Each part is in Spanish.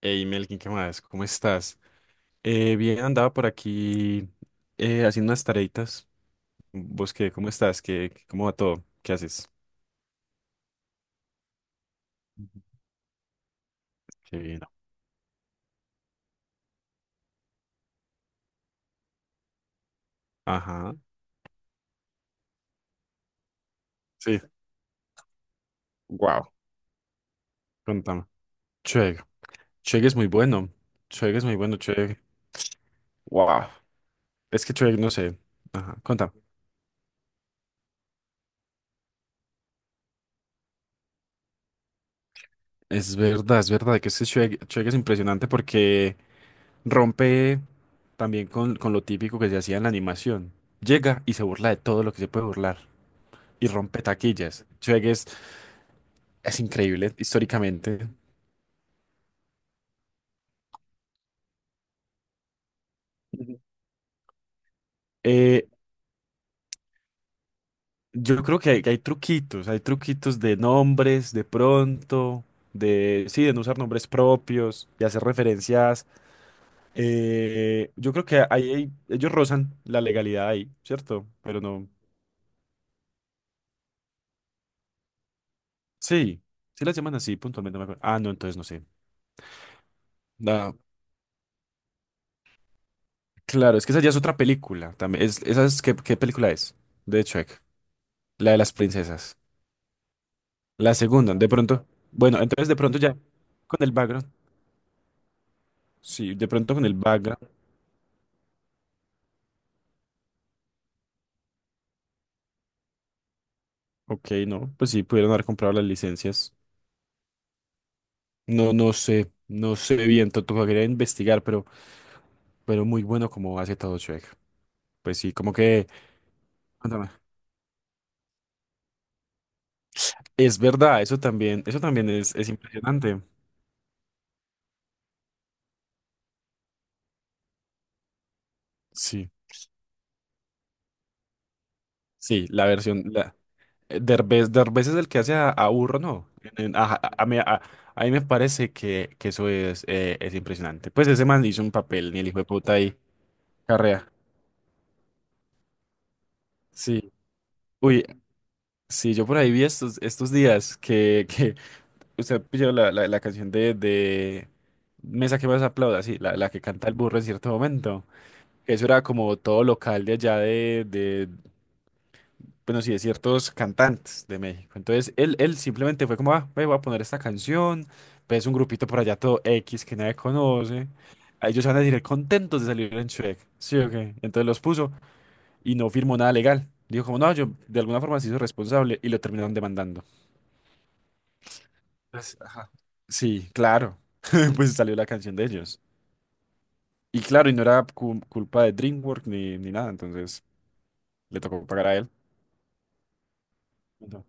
Hey Melkin, ¿qué más? ¿Cómo estás? Bien, andaba por aquí haciendo unas tareitas. ¿Vos qué? ¿Cómo estás? ¿ cómo va todo? ¿Qué haces? Qué bien. Ajá. Sí. Wow. Contame. Chueg. Chueg es muy bueno. Chueg es muy bueno, Chueg. Wow. Es que Chueg, no sé. Ajá. Contame. Es verdad que este Chueg, Chueg es impresionante porque rompe también con lo típico que se hacía en la animación. Llega y se burla de todo lo que se puede burlar y rompe taquillas. Chueg es increíble históricamente. Ujú. Eh, yo creo que que hay truquitos de nombres, de pronto, de, sí, de no usar nombres propios, de hacer referencias. Yo creo que ahí ellos rozan la legalidad ahí, ¿cierto? Pero no, sí, sí las llaman así puntualmente, no me acuerdo. Ah, no, entonces no sé. Ah, claro, es que esa ya es otra película también. ¿Qué, qué película es? De Shrek, la de las princesas. La segunda, de pronto. Bueno, entonces de pronto ya con el background. Sí, de pronto con el background, ok, no, pues sí, pudieron haber comprado las licencias. No, no sé, no sé bien, tocaría investigar, pero muy bueno como hace todo Shrek. Pues sí, como que, cuéntame. Es verdad, eso también es impresionante. Sí, sí, la versión, la, Derbez, Derbez es el que hace a Burro, ¿no? A mí me parece que eso es impresionante. Pues ese man hizo un papel, ni el hijo de puta ahí, carrea. Sí. Uy, sí, yo por ahí vi estos, estos días que usted pilló la, la, la canción de Mesa que más aplauda, sí, la que canta el burro en cierto momento. Eso era como todo local de allá de bueno, sí, de ciertos cantantes de México. Entonces él simplemente fue como, ah, ve, voy a poner esta canción, pues un grupito por allá todo X que nadie conoce. A ellos van a decir contentos de salir en Shrek, sí o qué. Entonces los puso y no firmó nada legal. Dijo como, no, yo de alguna forma se hizo responsable y lo terminaron demandando. Pues, ajá. Sí, claro. Pues salió la canción de ellos. Y claro, y no era culpa de DreamWorks ni nada, entonces le tocó pagar a él. Ujú.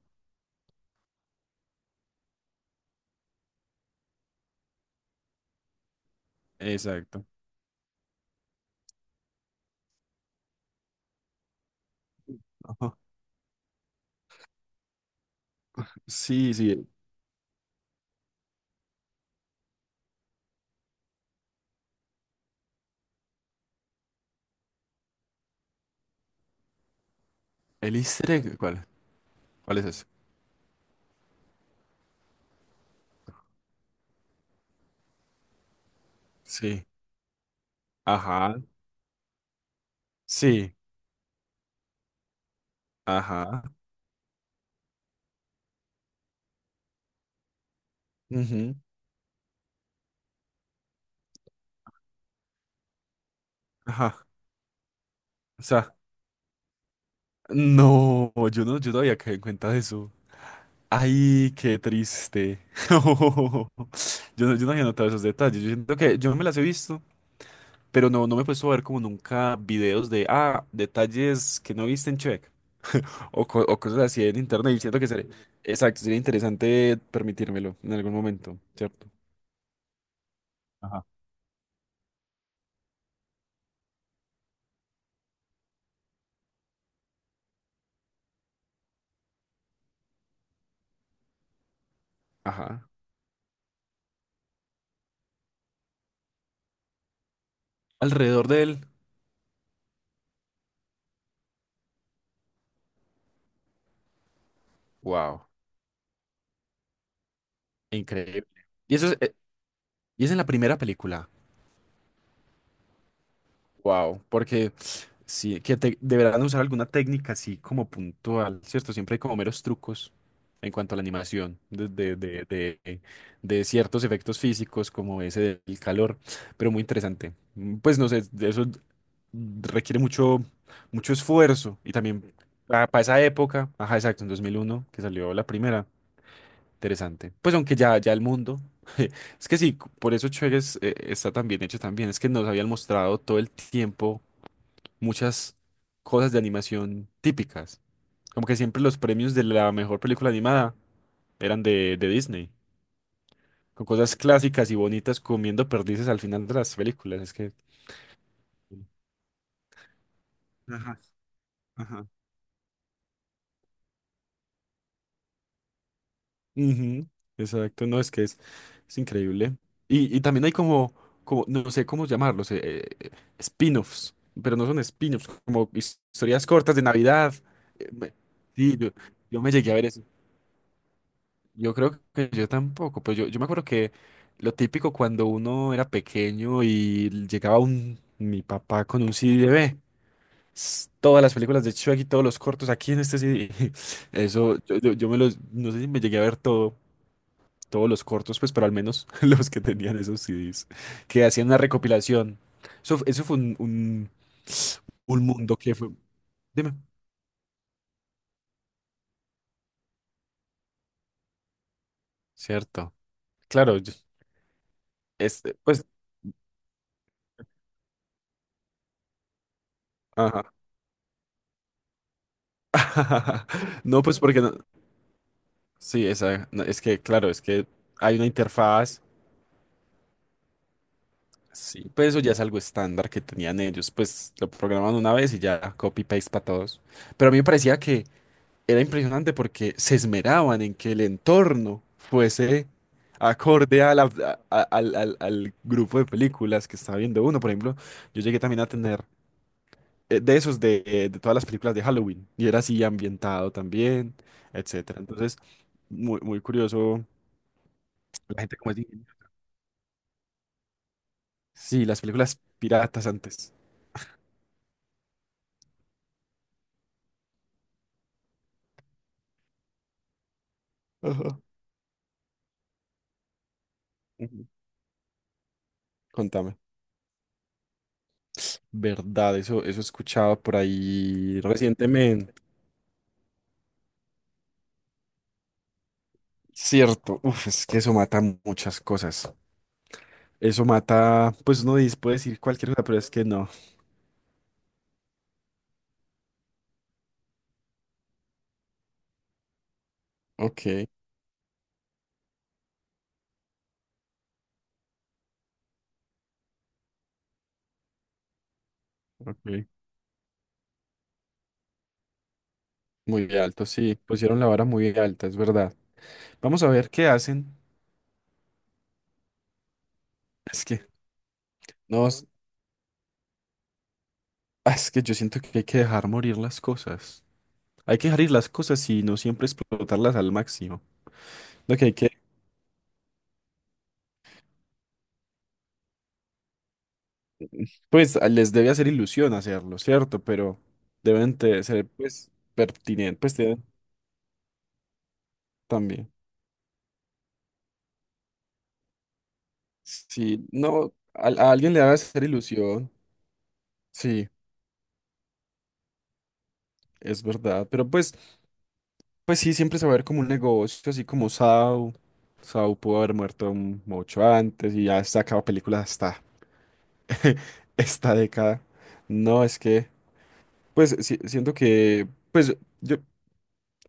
Exacto. Ajá. Sí, sí. ¿El easter egg? ¿Cuál? ¿Cuál es ese? Sí. Ajá. Sí. Ajá. Ujú. Ajá. O sea, no, yo no había caído en cuenta de eso. Ay, qué triste. Yo no había notado esos detalles. Yo siento que yo me las he visto. Pero no, no me he puesto a ver como nunca videos de, ah, detalles que no viste en Check o, o cosas así en internet. Y siento que sería, exacto, sería interesante permitírmelo en algún momento, ¿cierto? Ajá. Ajá. Alrededor de él. Wow, increíble. Y eso es, y es en la primera película. Wow, porque sí, que deberán usar alguna técnica así como puntual, ¿cierto? Siempre hay como meros trucos en cuanto a la animación, de ciertos efectos físicos como ese del calor, pero muy interesante. Pues no sé, de eso requiere mucho, mucho esfuerzo y también para esa época, ajá, exacto, en 2001 que salió la primera, interesante. Pues aunque ya, ya el mundo... Es que sí, por eso Chuegues está tan bien hecho también. Es que nos habían mostrado todo el tiempo muchas cosas de animación típicas. Como que siempre los premios de la mejor película animada eran de Disney, con cosas clásicas y bonitas comiendo perdices al final de las películas. Es que... Ajá, ajá. Ujú, exacto, no, es que es increíble. Y también hay como, como, no sé cómo llamarlos, eh, spin-offs, pero no son spin-offs, como historias cortas de Navidad. Eh, me- sí, yo, yo me llegué a ver eso. Yo creo que yo tampoco, pues yo me acuerdo que lo típico cuando uno era pequeño y llegaba un, mi papá con un CD de "Ve, todas las películas de Shrek y todos los cortos aquí en este CD". Eso, yo me los, no sé si me llegué a ver todo, todos los cortos, pues, pero al menos los que tenían esos CDs, que hacían una recopilación. Eso, eso fue un mundo que fue, dime, ¿cierto? Claro, este, pues, ajá. No, pues porque no, sí, esa, no, es que, claro, es que hay una interfaz, sí, pues eso ya es algo estándar que tenían ellos, pues lo programan una vez y ya copy-paste para todos. Pero a mí me parecía que era impresionante porque se esmeraban en que el entorno fuese acorde a al grupo de películas que estaba viendo uno. Por ejemplo, yo llegué también a tener de esos de todas las películas de Halloween y era así ambientado también, etcétera. Entonces, muy, muy curioso. La gente como es sí, las películas piratas antes. Ajá. Ujú. Contame. Verdad, eso escuchaba por ahí recientemente. Cierto, uf, es que eso mata muchas cosas. Eso mata, pues uno dice- puede decir cualquier cosa, pero es que no. Ok, ok. Muy alto, sí. Pusieron la vara muy alta, es verdad. Vamos a ver qué hacen. Es que, no, es que yo siento que hay que dejar morir las cosas. Hay que dejar ir las cosas y no siempre explotarlas al máximo. Lo que hay que pues les debe hacer ilusión hacerlo, ¿cierto? Pero deben ser pues pertinentes, pues deben también. Sí, no, a alguien le debe hacer ilusión, sí, es verdad. Pero pues, pues sí, siempre se va a ver como un negocio, así como Saw. Saw pudo haber muerto mucho antes y ya está acaba películas hasta esta década. No, es que, pues sí, siento que, pues yo,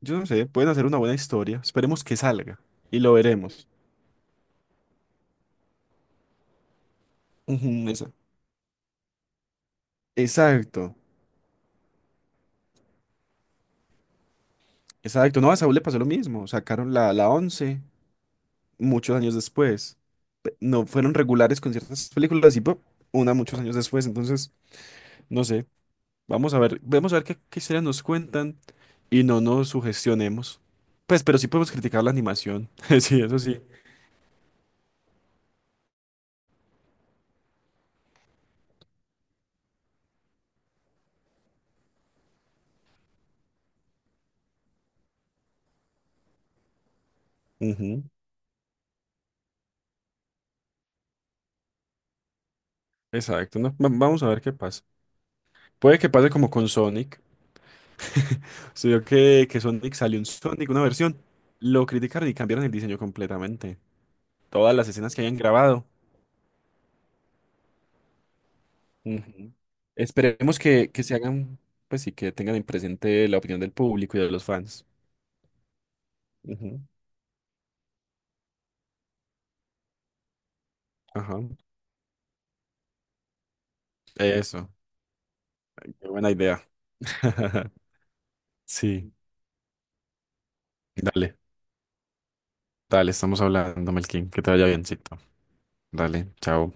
yo no sé, pueden hacer una buena historia. Esperemos que salga y lo veremos. Ujú, Exacto, exacto. No, a Saúl le pasó lo mismo. Sacaron la, la once muchos años después. No fueron regulares con ciertas películas y pop, una muchos años después. Entonces, no sé. Vamos a ver qué, qué historias nos cuentan y no nos sugestionemos. Pues, pero sí podemos criticar la animación. Sí, eso sí. Ujú, exacto, ¿no? Vamos a ver qué pasa. Puede que pase como con Sonic. Se vio que Sonic salió un Sonic, una versión. Lo criticaron y cambiaron el diseño completamente. Todas las escenas que hayan grabado. Ujú. Esperemos que se hagan, pues sí, que tengan en presente la opinión del público y de los fans. Ujú. Ajá. Eso. Qué buena idea. Sí. Dale, dale, estamos hablando, Melkin. Que te vaya biencito. Dale, chao.